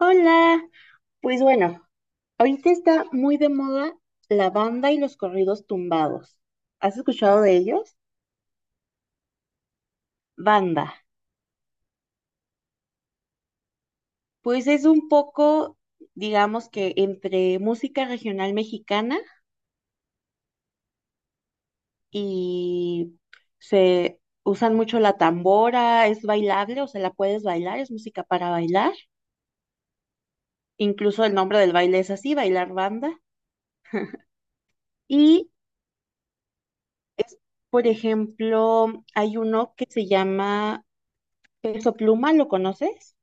Hola, pues bueno, ahorita está muy de moda la banda y los corridos tumbados. ¿Has escuchado de ellos? Banda. Pues es un poco, digamos que entre música regional mexicana y se usan mucho la tambora, es bailable, o sea, la puedes bailar, es música para bailar. Incluso el nombre del baile es así, bailar banda. Y es, por ejemplo, hay uno que se llama Peso Pluma, ¿lo conoces?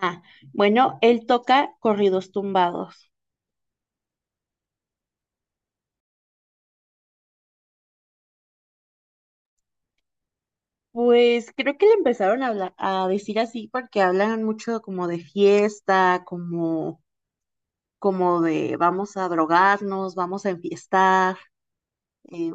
Ah, bueno, él toca corridos tumbados. Pues creo que le empezaron a, a decir así porque hablan mucho como de fiesta, como, como de vamos a drogarnos, vamos a enfiestar. eh,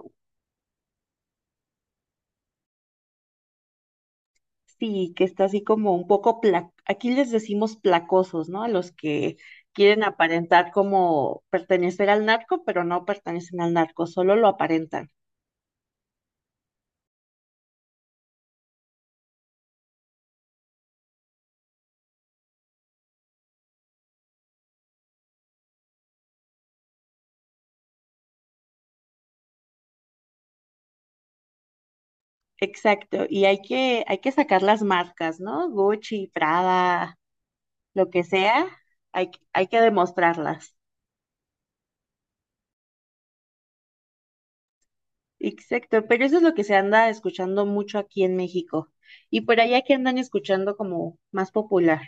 sí, que está así como un poco, aquí les decimos placosos, ¿no? A los que quieren aparentar como pertenecer al narco, pero no pertenecen al narco, solo lo aparentan. Exacto, y hay que sacar las marcas, ¿no? Gucci, Prada. Lo que sea, hay que demostrarlas. Exacto, pero eso es lo que se anda escuchando mucho aquí en México. Y por allá, que andan escuchando como más popular?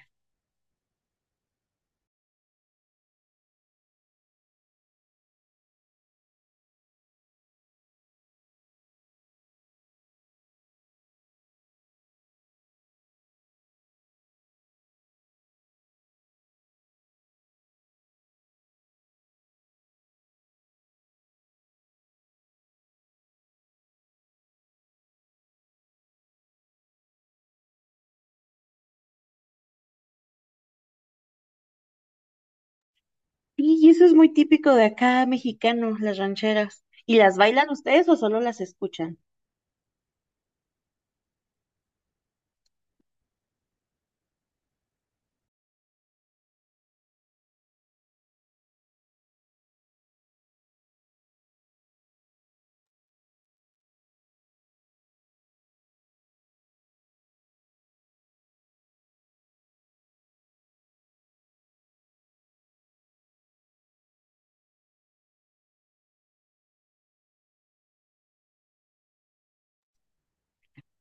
Sí, y eso es muy típico de acá, mexicanos, las rancheras. ¿Y las bailan ustedes o solo las escuchan?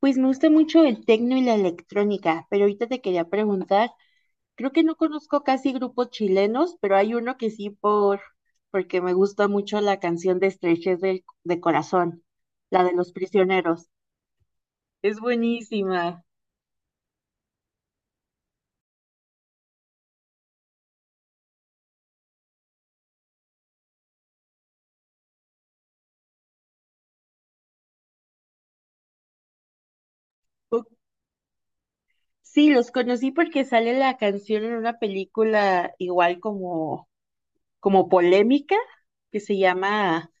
Pues me gusta mucho el tecno y la electrónica, pero ahorita te quería preguntar, creo que no conozco casi grupos chilenos, pero hay uno que sí porque me gusta mucho la canción de Estrechez de Corazón, la de los prisioneros. Es buenísima. O- Sí, los conocí porque sale la canción en una película igual como, como polémica que se llama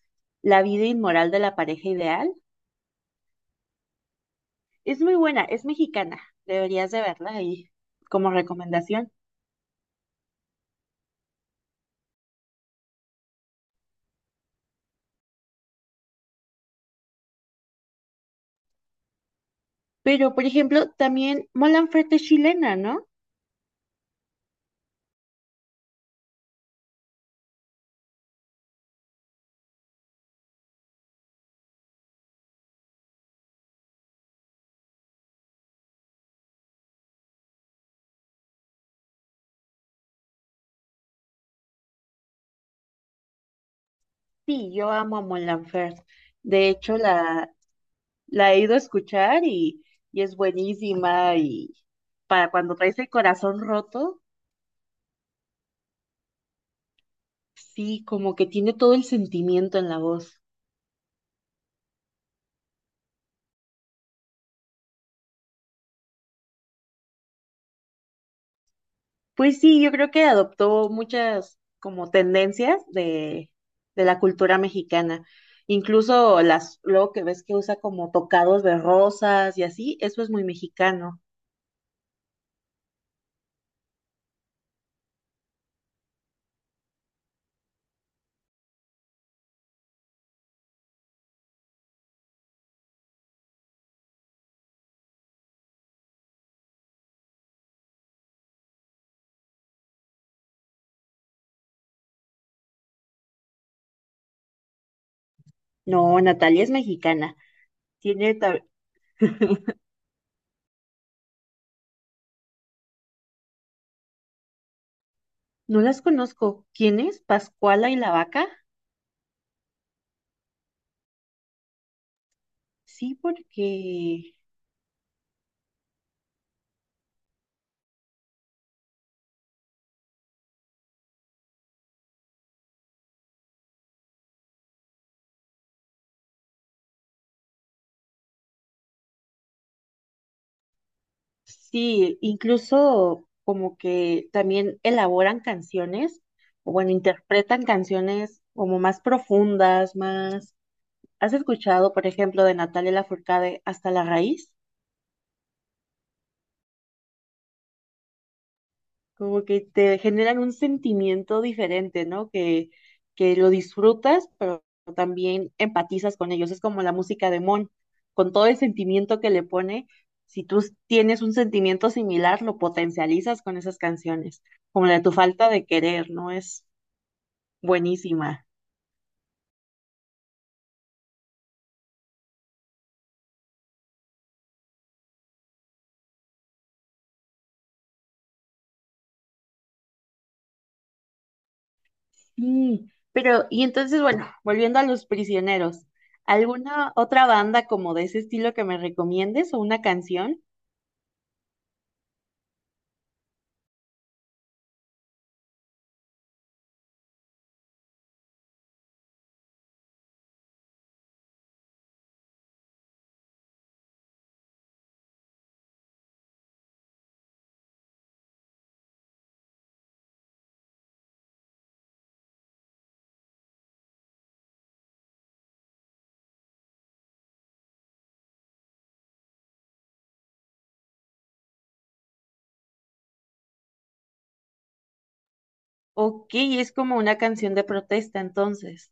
La vida inmoral de la pareja ideal. Es muy buena, es mexicana. Deberías de verla ahí como recomendación. Pero, por ejemplo, también Mon Laferte es chilena, ¿no? Sí, yo amo a Mon Laferte. De hecho, la he ido a escuchar y es buenísima y para cuando traes el corazón roto. Sí, como que tiene todo el sentimiento en la voz. Pues sí, yo creo que adoptó muchas como tendencias de la cultura mexicana. Incluso las, luego que ves que usa como tocados de rosas y así, eso es muy mexicano. No, Natalia es mexicana. Tiene, ta- no las conozco. ¿Quién es? ¿Pascuala y la vaca? Sí, porque sí, incluso como que también elaboran canciones, o bueno, interpretan canciones como más profundas, más... ¿Has escuchado, por ejemplo, de Natalia Lafourcade Hasta la raíz? Como que te generan un sentimiento diferente, ¿no? Que lo disfrutas, pero también empatizas con ellos. Es como la música de Mon, con todo el sentimiento que le pone. Si tienes un sentimiento similar, lo potencializas con esas canciones, como la de tu falta de querer, ¿no? Es buenísima. Sí, pero y entonces, bueno, volviendo a Los Prisioneros, ¿alguna otra banda como de ese estilo que me recomiendes o una canción? Ok, es como una canción de protesta, entonces.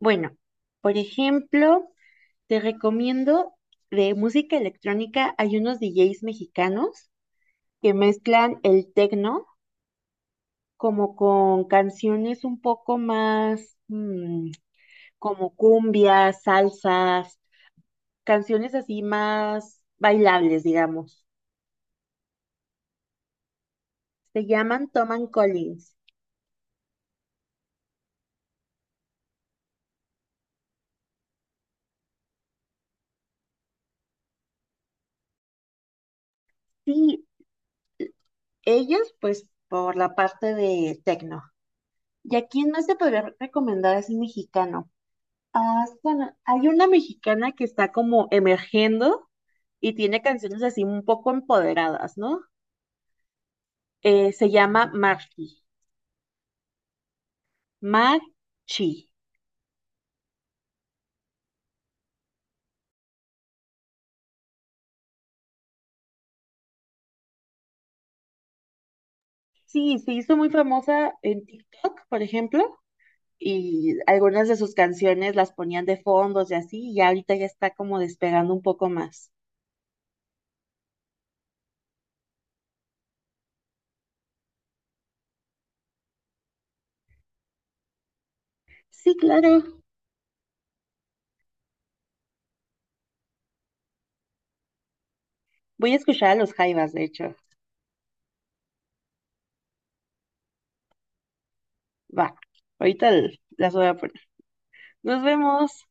Bueno, por ejemplo, te recomiendo de música electrónica, hay unos DJs mexicanos que mezclan el techno como con canciones un poco más como cumbias, salsas, canciones así más bailables, digamos. Se llaman Tom and Collins. Y ellos, pues, por la parte de techno. ¿Y a quién más te podría recomendar así mexicano? Ah, bueno, hay una mexicana que está como emergiendo y tiene canciones así un poco empoderadas, ¿no? Se llama Marchi. Marchi. Sí, se hizo muy famosa en TikTok, por ejemplo, y algunas de sus canciones las ponían de fondos y así, y ahorita ya está como despegando un poco más. Sí, claro. Voy a escuchar a los Jaivas, de hecho. Va, las voy a poner. Nos vemos.